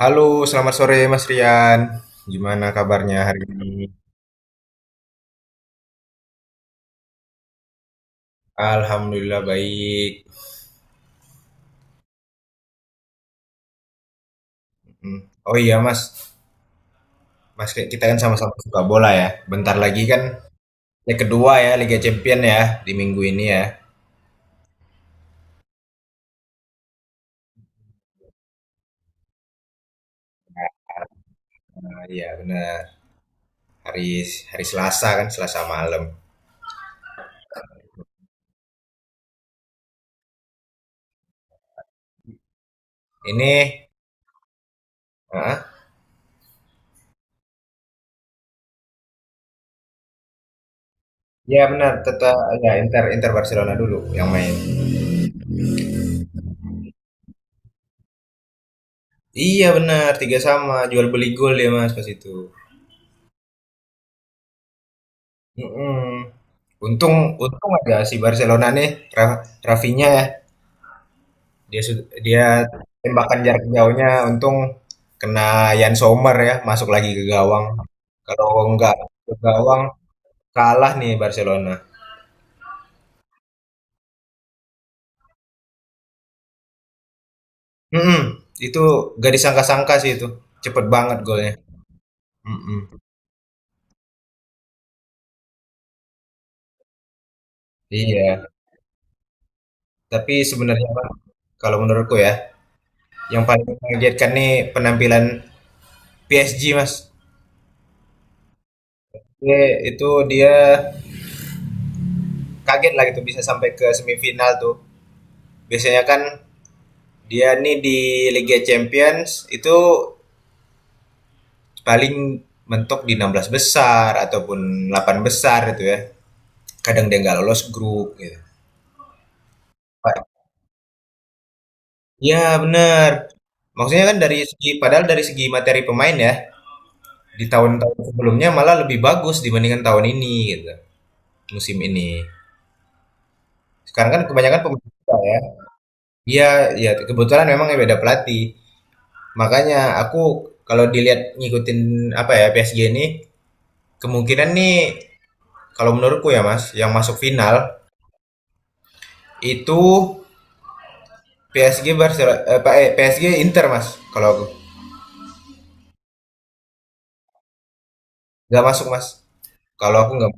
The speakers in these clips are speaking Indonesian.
Halo, selamat sore Mas Rian. Gimana kabarnya hari ini? Alhamdulillah baik. Hmm. Oh iya Mas, Mas kita kan sama-sama suka bola ya. Bentar lagi kan leg kedua ya Liga Champion ya di minggu ini ya. Nah, iya benar. Hari hari Selasa kan Selasa malam. Ini, ah, iya benar. Tetap ya Inter Inter Barcelona dulu yang main. Iya benar, 3-3 jual beli gol ya Mas pas itu. Mm-mm. Untung untung ada si Barcelona nih, Rafinya ya. Dia sud dia tembakan jarak jauhnya untung kena Yann Sommer ya, masuk lagi ke gawang. Kalau enggak ke gawang kalah nih Barcelona. Mhm, itu gak disangka-sangka sih itu. Cepet banget golnya. Mhm, iya. Tapi sebenarnya, Bang, kalau menurutku ya, yang paling mengagetkan nih penampilan PSG, Mas. Ye itu dia kaget lah gitu bisa sampai ke semifinal tuh. Biasanya kan dia nih di Liga Champions itu paling mentok di 16 besar ataupun 8 besar itu ya. Kadang dia nggak lolos grup gitu. Pa- Ya bener. Maksudnya kan dari segi padahal dari segi materi pemain ya di tahun-tahun sebelumnya malah lebih bagus dibandingkan tahun ini gitu musim ini. Sekarang kan kebanyakan pemain kita ya. Iya, ya kebetulan memang ya beda pelatih. Makanya aku kalau dilihat ngikutin apa ya PSG ini kemungkinan nih kalau menurutku ya mas yang masuk final itu PSG Barcelona eh, pa- eh, PSG Inter mas kalau aku nggak masuk mas kalau aku nggak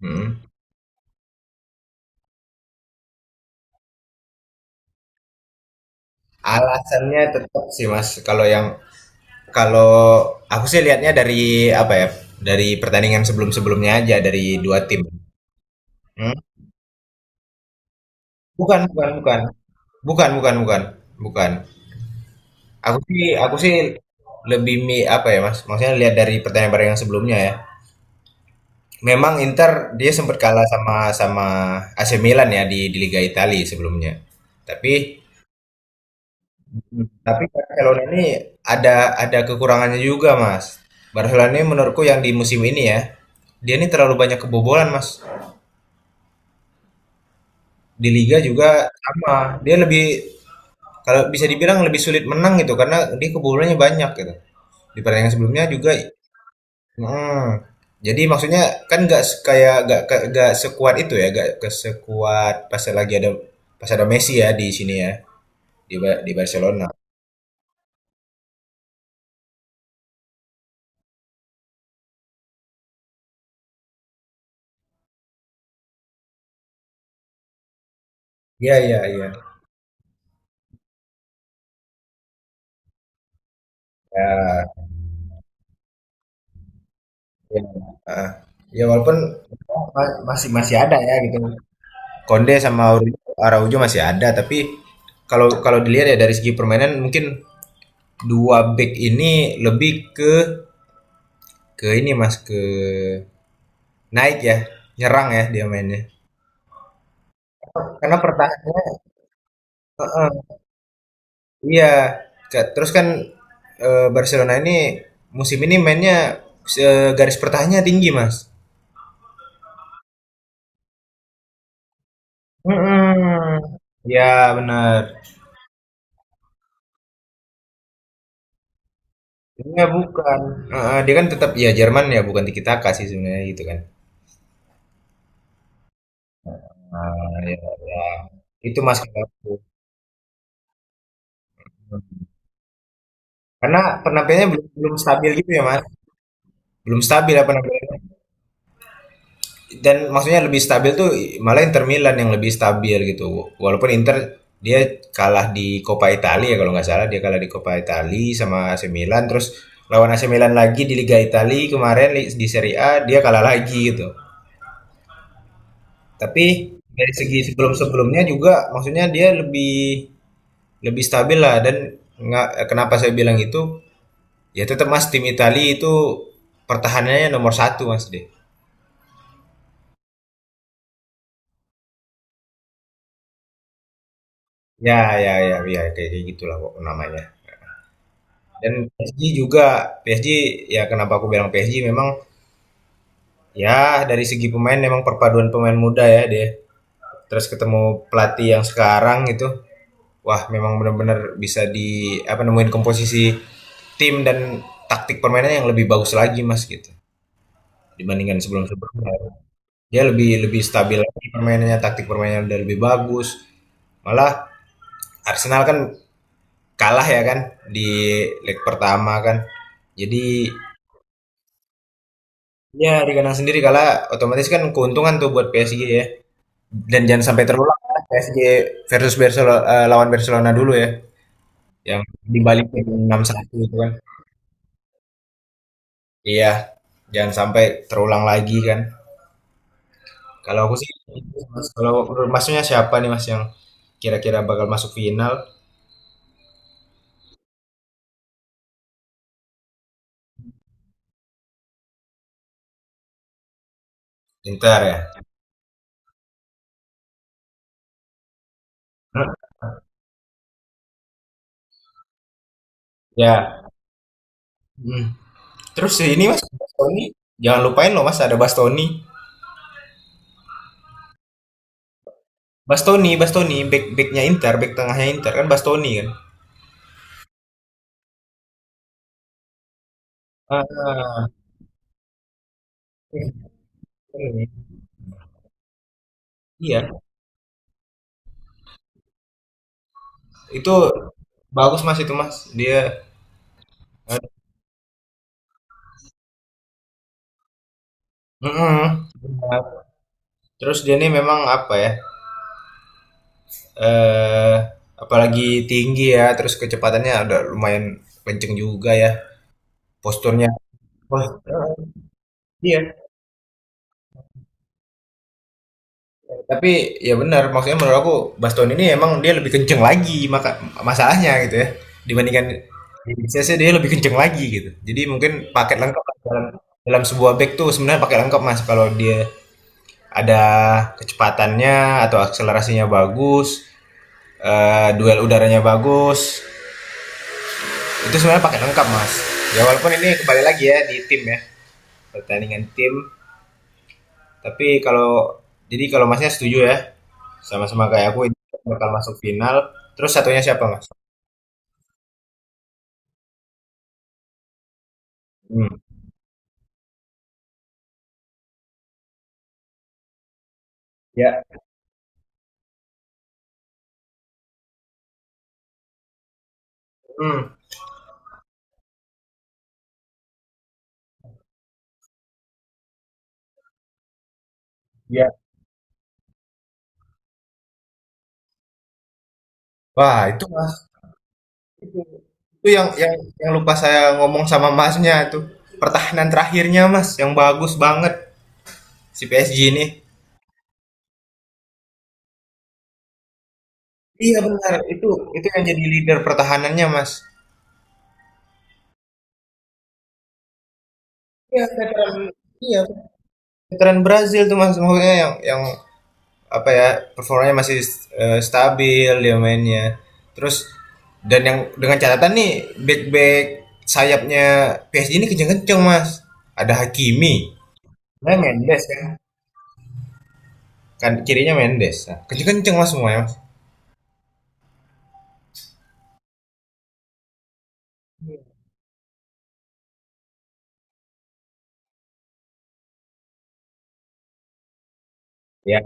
Mm. Alasannya tetap sih mas kalau aku sih lihatnya dari apa ya dari pertandingan sebelum-sebelumnya aja dari dua tim. Hmm? Bukan bukan bukan bukan bukan bukan bukan. Aku sih lebih mi apa ya mas maksudnya lihat dari pertandingan pertandingan sebelumnya ya. Memang Inter dia sempat kalah sama sama AC Milan ya di Liga Italia sebelumnya. Tapi Hmm. tapi Barcelona ini ada kekurangannya juga, Mas. Barcelona ini menurutku yang di musim ini ya, dia ini terlalu banyak kebobolan, Mas. Di liga juga sama. Dia lebih kalau bisa dibilang lebih sulit menang gitu karena dia kebobolannya banyak gitu. Di pertandingan sebelumnya juga. Heeh. Jadi maksudnya kan nggak kayak nggak nggak sekuat itu ya, nggak ke sekuat pas ada Messi ya di sini ya di Barcelona. Iya iya iya. Ya, ya. Ah. Ya, walaupun ma- masih masih ada ya gitu. Konde sama Araujo masih ada, tapi kalau kalau dilihat ya dari segi permainan mungkin dua back ini lebih ke ke ini Mas ke naik ya, nyerang ya dia mainnya. Karena pertahanannya. Iya, terus kan eh, Barcelona ini musim ini mainnya garis pertahanannya tinggi, Mas. Mm-mm. Ya benar. Iya bukan. Heeh, dia kan tetap ya Jerman ya bukan tiki taka sih sebenarnya gitu kan. Nah, ya, ya. Itu Mas kata aku. Karena penampilannya belum belum stabil gitu ya Mas. Belum stabil apa namanya? Dan maksudnya lebih stabil tuh malah Inter Milan yang lebih stabil gitu. Walaupun Inter dia kalah di Coppa Italia ya kalau nggak salah dia kalah di Coppa Italia sama AC Milan terus lawan AC Milan lagi di Liga Italia kemarin di Serie A dia kalah lagi gitu. Tapi dari segi sebelum-sebelumnya juga maksudnya dia lebih lebih stabil lah dan nggak kenapa saya bilang itu ya tetap Mas tim Italia itu pertahanannya nomor satu Mas deh. Ya ya ya ya kayak kayak gitulah kok namanya. Dan PSG juga, PSG ya kenapa aku bilang PSG memang ya dari segi pemain memang perpaduan pemain muda ya dia. Terus ketemu pelatih yang sekarang gitu. Wah, memang benar-benar bisa di apa nemuin komposisi tim dan taktik permainannya yang lebih bagus lagi Mas gitu dibandingkan sebelum-sebelumnya. Dia lebih lebih stabil lagi permainannya, taktik permainannya udah lebih bagus. Malah Arsenal kan kalah ya kan di leg pertama kan. Jadi iya, di kandang sendiri kalah otomatis kan keuntungan tuh buat PSG ya. Dan jangan sampai terulang kan PSG versus Barcelona eh, lawan Barcelona dulu ya yang dibalikin 6-1 itu kan. Iya, jangan sampai terulang lagi kan. Kalau aku sih itu, Mas. Kalau menurut masnya siapa nih Mas yang kira-kira bakal masuk final? Inter ya. Hah? Ya. Hmm. Terus ini Mas Bastoni, jangan lupain loh Mas ada Bastoni. Bastoni, Bastoni, back backnya Inter, back tengahnya Inter kan Bastoni kan. Ah, iya, itu bagus, Mas, itu, Mas. Dia mhm, benar. Terus dia nih memang apa ya, eee, apalagi tinggi ya, terus kecepatannya ada lumayan kenceng juga ya, posturnya wah heeh, iya. Tapi ya benar, maksudnya menurut aku Baston ini emang dia lebih kenceng lagi maka masalahnya gitu ya, dibandingkan CC dia lebih kenceng lagi gitu. Jadi mungkin paket lengkap dalam dalam sebuah bag tuh sebenarnya paket lengkap, Mas, kalau dia ada kecepatannya atau akselerasinya bagus, duel udaranya bagus. Itu sebenarnya paket lengkap, Mas. Ya walaupun ini kembali lagi ya di tim ya, pertandingan tim. Tapi kalau jadi kalau Masnya setuju ya, sama-sama kayak aku ini bakal masuk final. Terus satunya siapa, Mas? Hmm. Ya. Hmm. Ya. Wah, itu Mas. Itu, itu yang yang lupa saya ngomong sama Masnya tuh. Pertahanan terakhirnya, Mas, yang bagus banget si PSG ini. Iya benar, itu yang jadi leader pertahanannya, Mas. Iya, veteran iya, veteran Brazil tuh Mas, maksudnya yang apa ya, performanya masih stabil dia mainnya. Terus dan yang dengan catatan nih back-back sayapnya PSG ini kenceng-kenceng, Mas. Ada Hakimi, nah Mendes kan. Kan kirinya Mendes. Nah, kenceng-kenceng Mas semua ya, Mas. Ya,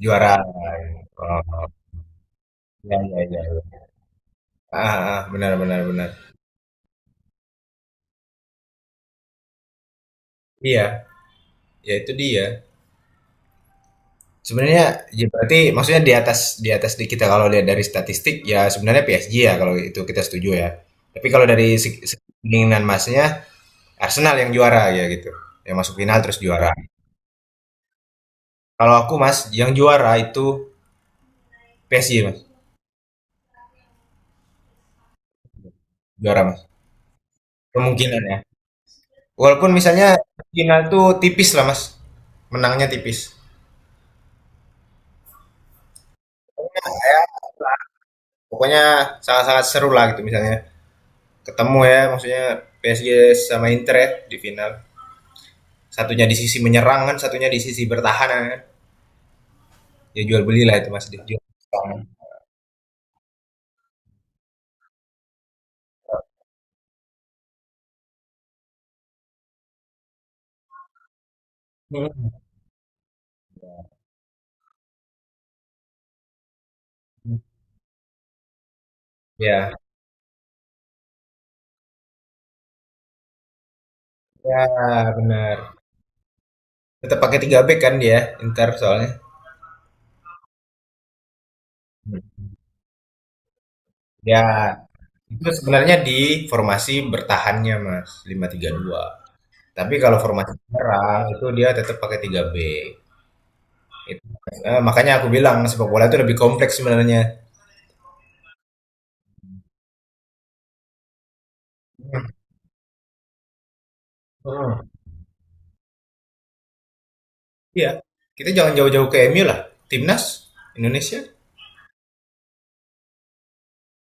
juara. Oh, ya, ya, ya. Ah, ah, benar benar benar. Iya, ya itu dia. Sebenarnya ya berarti maksudnya di atas di kita kalau lihat dari statistik ya sebenarnya PSG ya kalau itu kita setuju ya. Tapi kalau dari keinginan Masnya Arsenal yang juara ya gitu. Yang masuk final terus juara. Kalau aku Mas yang juara itu PSG Mas. Juara Mas. Kemungkinan ya. Walaupun misalnya final tuh tipis lah Mas. Menangnya tipis. Ya, ya, pokoknya sangat-sangat seru lah gitu misalnya. Ketemu ya maksudnya PSG sama Inter ya di final. Satunya di sisi menyerang kan, satunya di sisi bertahan kan. Ya jual beli lah itu Mas. Dia jual bertahan. Mhm. Ya, ya benar. Tetap pakai 3 back kan dia Inter soalnya. Mhm. Ya, itu sebenarnya di formasi bertahannya Mas, 5-3-2. Tapi kalau formasi menyerang itu dia tetap pakai 3 back. Itu, makanya aku bilang sepak bola itu lebih kompleks sebenarnya. Mhm. Iya. Kita jangan jauh-jauh ke MU lah. Timnas Indonesia.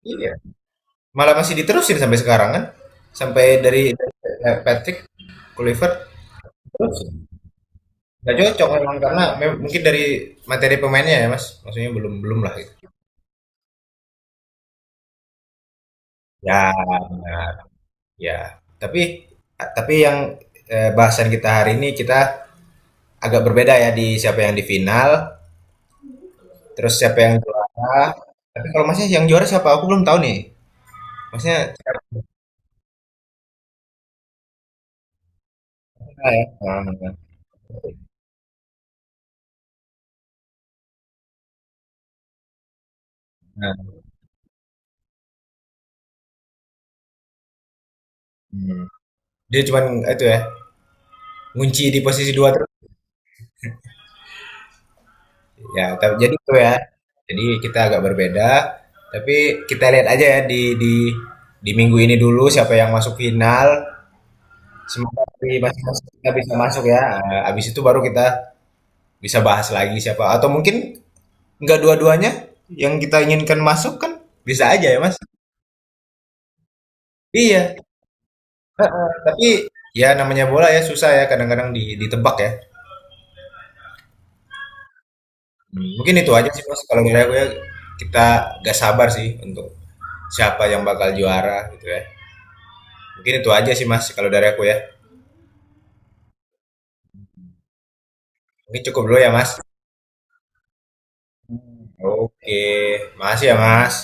Iya. Malah masih diterusin sampai sekarang kan? Sampai dari Patrick Kluivert terus nggak cocok memang karena mungkin dari materi pemainnya ya Mas, maksudnya belum belum lah gitu. Ya, benar. Ya. Tapi tapi yang bahasan kita hari ini kita agak berbeda ya di siapa yang di final, terus siapa yang juara. Tapi kalau Masnya yang juara siapa? Aku belum tahu nih. Masnya siapa ya? Nah, nah. Hmm. Dia cuman itu ya, ngunci di posisi dua terus. Ya, tapi jadi itu ya. Jadi kita agak berbeda, tapi kita lihat aja ya di minggu ini dulu siapa yang masuk final. Semoga dari masing-masing kita bisa masuk ya. Eh, habis itu baru kita bisa bahas lagi siapa atau mungkin nggak dua-duanya yang kita inginkan masuk kan bisa aja ya Mas. Iya, tapi ya namanya bola ya susah ya kadang-kadang di- ditebak ya. Hmm. Mungkin itu aja sih Mas kalau dari aku ya kita gak sabar sih untuk siapa yang bakal juara gitu ya. Mungkin itu aja sih Mas kalau dari aku ya. Mungkin cukup dulu ya Mas. Oke, makasih ya Mas.